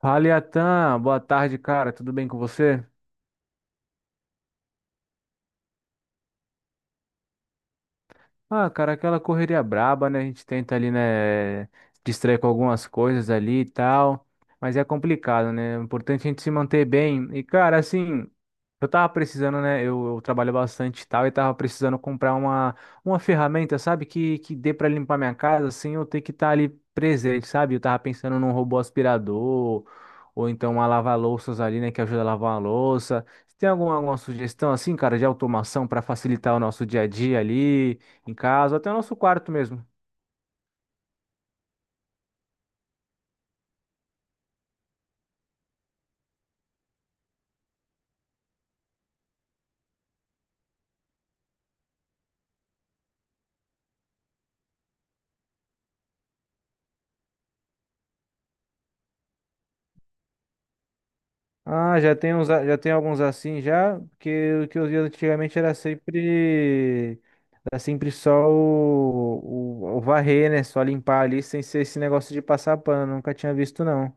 Fala, Iatan. Boa tarde, cara. Tudo bem com você? Ah, cara, aquela correria braba, né? A gente tenta ali, né, distrair com algumas coisas ali e tal, mas é complicado, né? O importante é a gente se manter bem. E, cara, assim, eu tava precisando, né? Eu trabalho bastante e tal, e tava precisando comprar uma ferramenta, sabe? Que dê pra limpar minha casa sem eu ter que estar ali presente, sabe? Eu tava pensando num robô aspirador, ou então uma lava-louças ali, né? Que ajuda a lavar uma louça. Você tem alguma, alguma sugestão assim, cara, de automação para facilitar o nosso dia a dia ali? Em casa, até o nosso quarto mesmo. Ah, já tem uns, já tem alguns assim já, porque o que eu via antigamente era sempre só o varrer, né? Só limpar ali sem ser esse negócio de passar pano, nunca tinha visto não.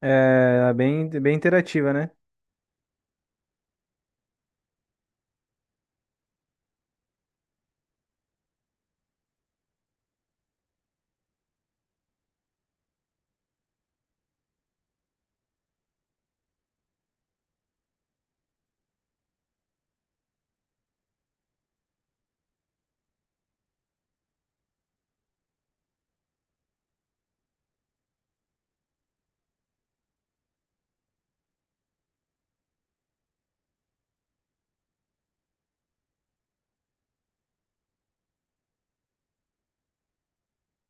É, era bem bem interativa, né?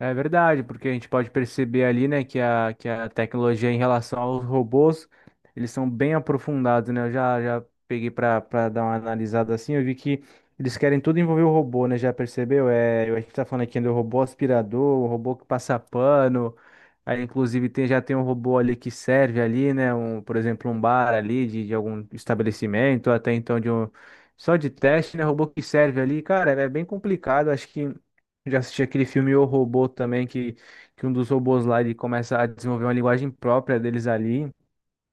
É verdade, porque a gente pode perceber ali, né, que a tecnologia em relação aos robôs, eles são bem aprofundados, né? Eu já peguei para dar uma analisada assim, eu vi que eles querem tudo envolver o robô, né? Já percebeu? É, a gente tá falando aqui do robô aspirador, o robô que passa pano, aí inclusive tem, já tem um robô ali que serve ali, né? Um, por exemplo, um bar ali de algum estabelecimento, até então de um, só de teste, né? Robô que serve ali, cara, é bem complicado, acho que já assisti aquele filme O Robô também, que um dos robôs lá ele começa a desenvolver uma linguagem própria deles ali.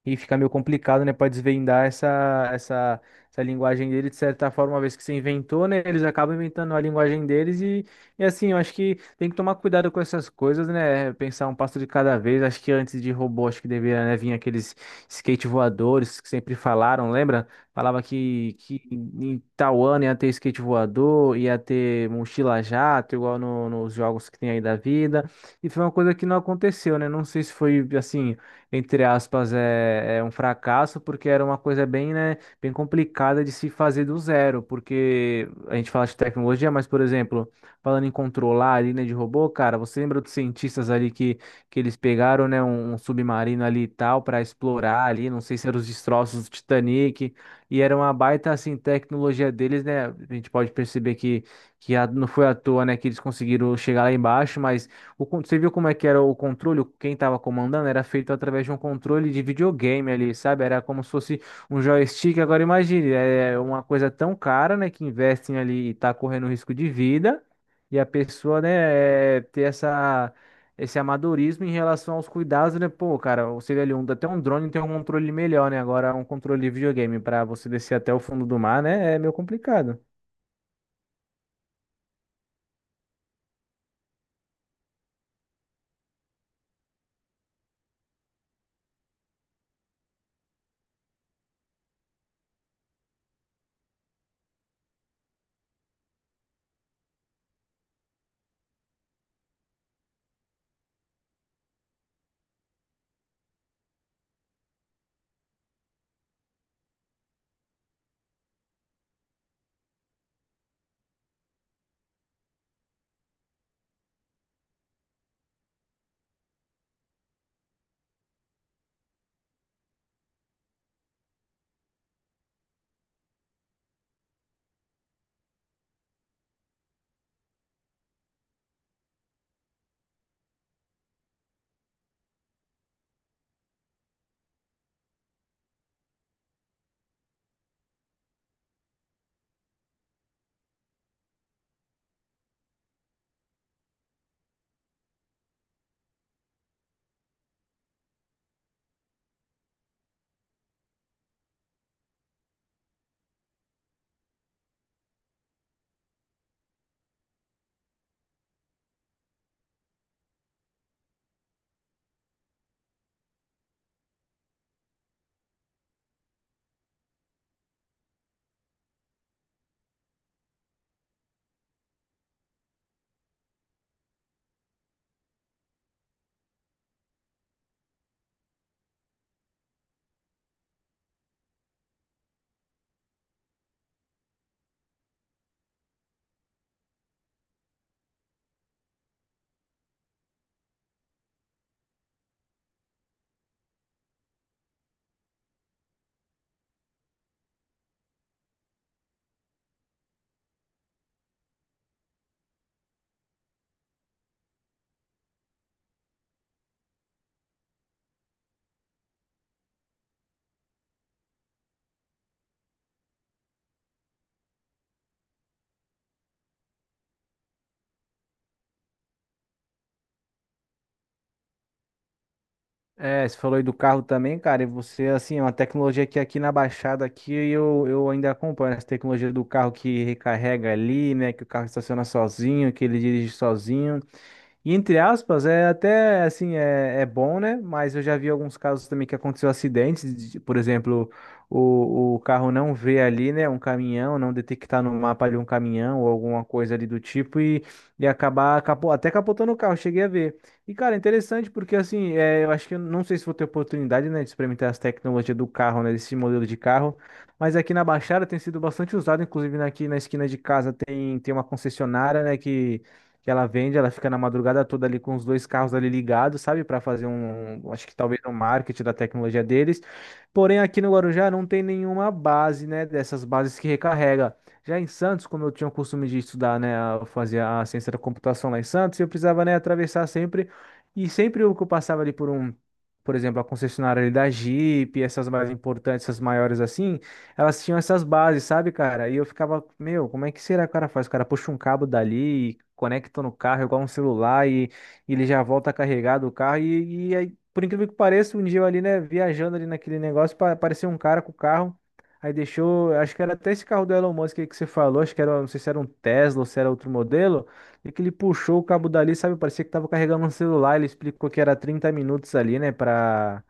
E fica meio complicado, né, para desvendar essa, essa, essa linguagem dele, de certa forma, uma vez que você inventou, né, eles acabam inventando a linguagem deles e assim, eu acho que tem que tomar cuidado com essas coisas, né, pensar um passo de cada vez, acho que antes de robô, acho que deveria, né, vir aqueles skate voadores que sempre falaram, lembra? Falava que em tal ano ia ter skate voador, ia ter mochila jato, igual nos jogos que tem aí da vida, e foi uma coisa que não aconteceu, né, não sei se foi, assim entre aspas, é, é um fracasso, porque era uma coisa bem, né, bem complicada de se fazer do zero, porque a gente fala de tecnologia, mas, por exemplo, falando em controlar ali, né, de robô, cara, você lembra dos cientistas ali que eles pegaram, né, um submarino ali e tal para explorar ali, não sei se eram os destroços do Titanic, e era uma baita, assim, tecnologia deles, né, a gente pode perceber que, não foi à toa, né, que eles conseguiram chegar lá embaixo, mas o, você viu como é que era o controle? Quem estava comandando era feito através de um controle de videogame ali, sabe? Era como se fosse um joystick. Agora imagine, é uma coisa tão cara, né, que investem ali e tá correndo risco de vida, e a pessoa, né, é, ter essa esse amadorismo em relação aos cuidados, né? Pô, cara, você vê ali um, até um drone tem um controle melhor, né? Agora um controle de videogame para você descer até o fundo do mar, né? É meio complicado. É, você falou aí do carro também, cara, e você, assim, é uma tecnologia que aqui na Baixada, aqui eu ainda acompanho né, essa tecnologia do carro que recarrega ali, né, que o carro estaciona sozinho, que ele dirige sozinho, e entre aspas, é até assim, é, é bom, né? Mas eu já vi alguns casos também que aconteceu acidentes, por exemplo, o carro não vê ali, né, um caminhão, não detectar no mapa ali um caminhão ou alguma coisa ali do tipo e acabar até capotando o carro, cheguei a ver. E cara, interessante porque assim, é, eu acho que eu não sei se vou ter oportunidade, né, de experimentar as tecnologias do carro, né, desse modelo de carro, mas aqui na Baixada tem sido bastante usado, inclusive aqui na esquina de casa tem, tem uma concessionária, né, que ela vende, ela fica na madrugada toda ali com os dois carros ali ligados, sabe, para fazer um, um, acho que talvez um marketing da tecnologia deles. Porém, aqui no Guarujá não tem nenhuma base, né, dessas bases que recarrega. Já em Santos, como eu tinha o costume de estudar, né, eu fazia a ciência da computação lá em Santos, eu precisava, né, atravessar sempre e sempre o que eu passava ali por um Por exemplo, a concessionária ali da Jeep, essas mais importantes, essas maiores assim, elas tinham essas bases, sabe, cara? E eu ficava, meu, como é que será que o cara faz? O cara puxa um cabo dali, e conecta no carro, igual um celular, e ele já volta carregado o carro. E aí, por incrível que pareça, um dia eu ali, né, viajando ali naquele negócio, apareceu um cara com o carro. Aí deixou, acho que era até esse carro do Elon Musk aí que você falou, acho que era, não sei se era um Tesla ou se era outro modelo, e que ele puxou o cabo dali, sabe? Parecia que tava carregando um celular, ele explicou que era 30 minutos ali, né, pra,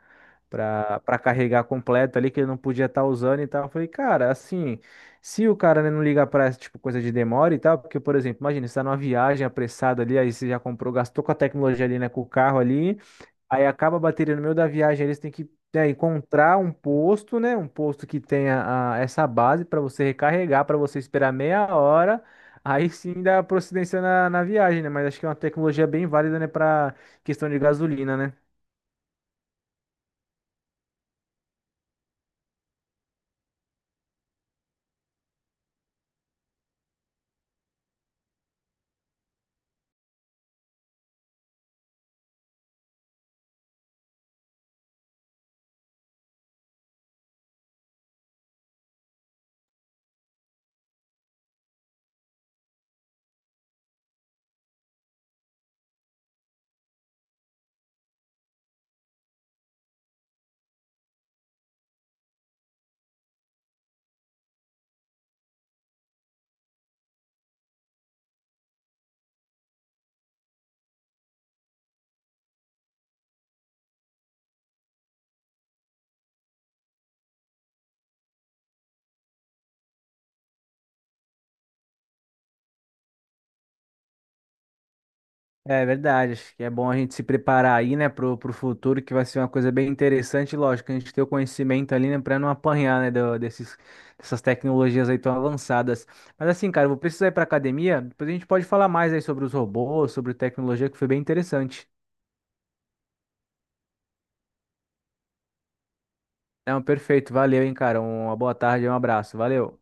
pra, pra carregar completo ali, que ele não podia estar usando e tal. Eu falei, cara, assim, se o cara né, não ligar pra essa tipo, coisa de demora e tal, porque, por exemplo, imagina, você tá numa viagem apressada ali, aí você já comprou, gastou com a tecnologia ali, né, com o carro ali, aí acaba a bateria no meio da viagem, eles têm que. Né, encontrar um posto, né? Um posto que tenha essa base para você recarregar, para você esperar meia hora, aí sim dá procedência na, na viagem, né? Mas acho que é uma tecnologia bem válida, né? Para questão de gasolina, né? É verdade, acho que é bom a gente se preparar aí, né, pro, pro futuro, que vai ser uma coisa bem interessante, lógico, a gente ter o conhecimento ali, né, pra não apanhar, né, desses, dessas tecnologias aí tão avançadas. Mas assim, cara, eu vou precisar ir pra academia, depois a gente pode falar mais aí sobre os robôs, sobre tecnologia, que foi bem interessante. Não, perfeito, valeu, hein, cara, uma boa tarde, um abraço, valeu.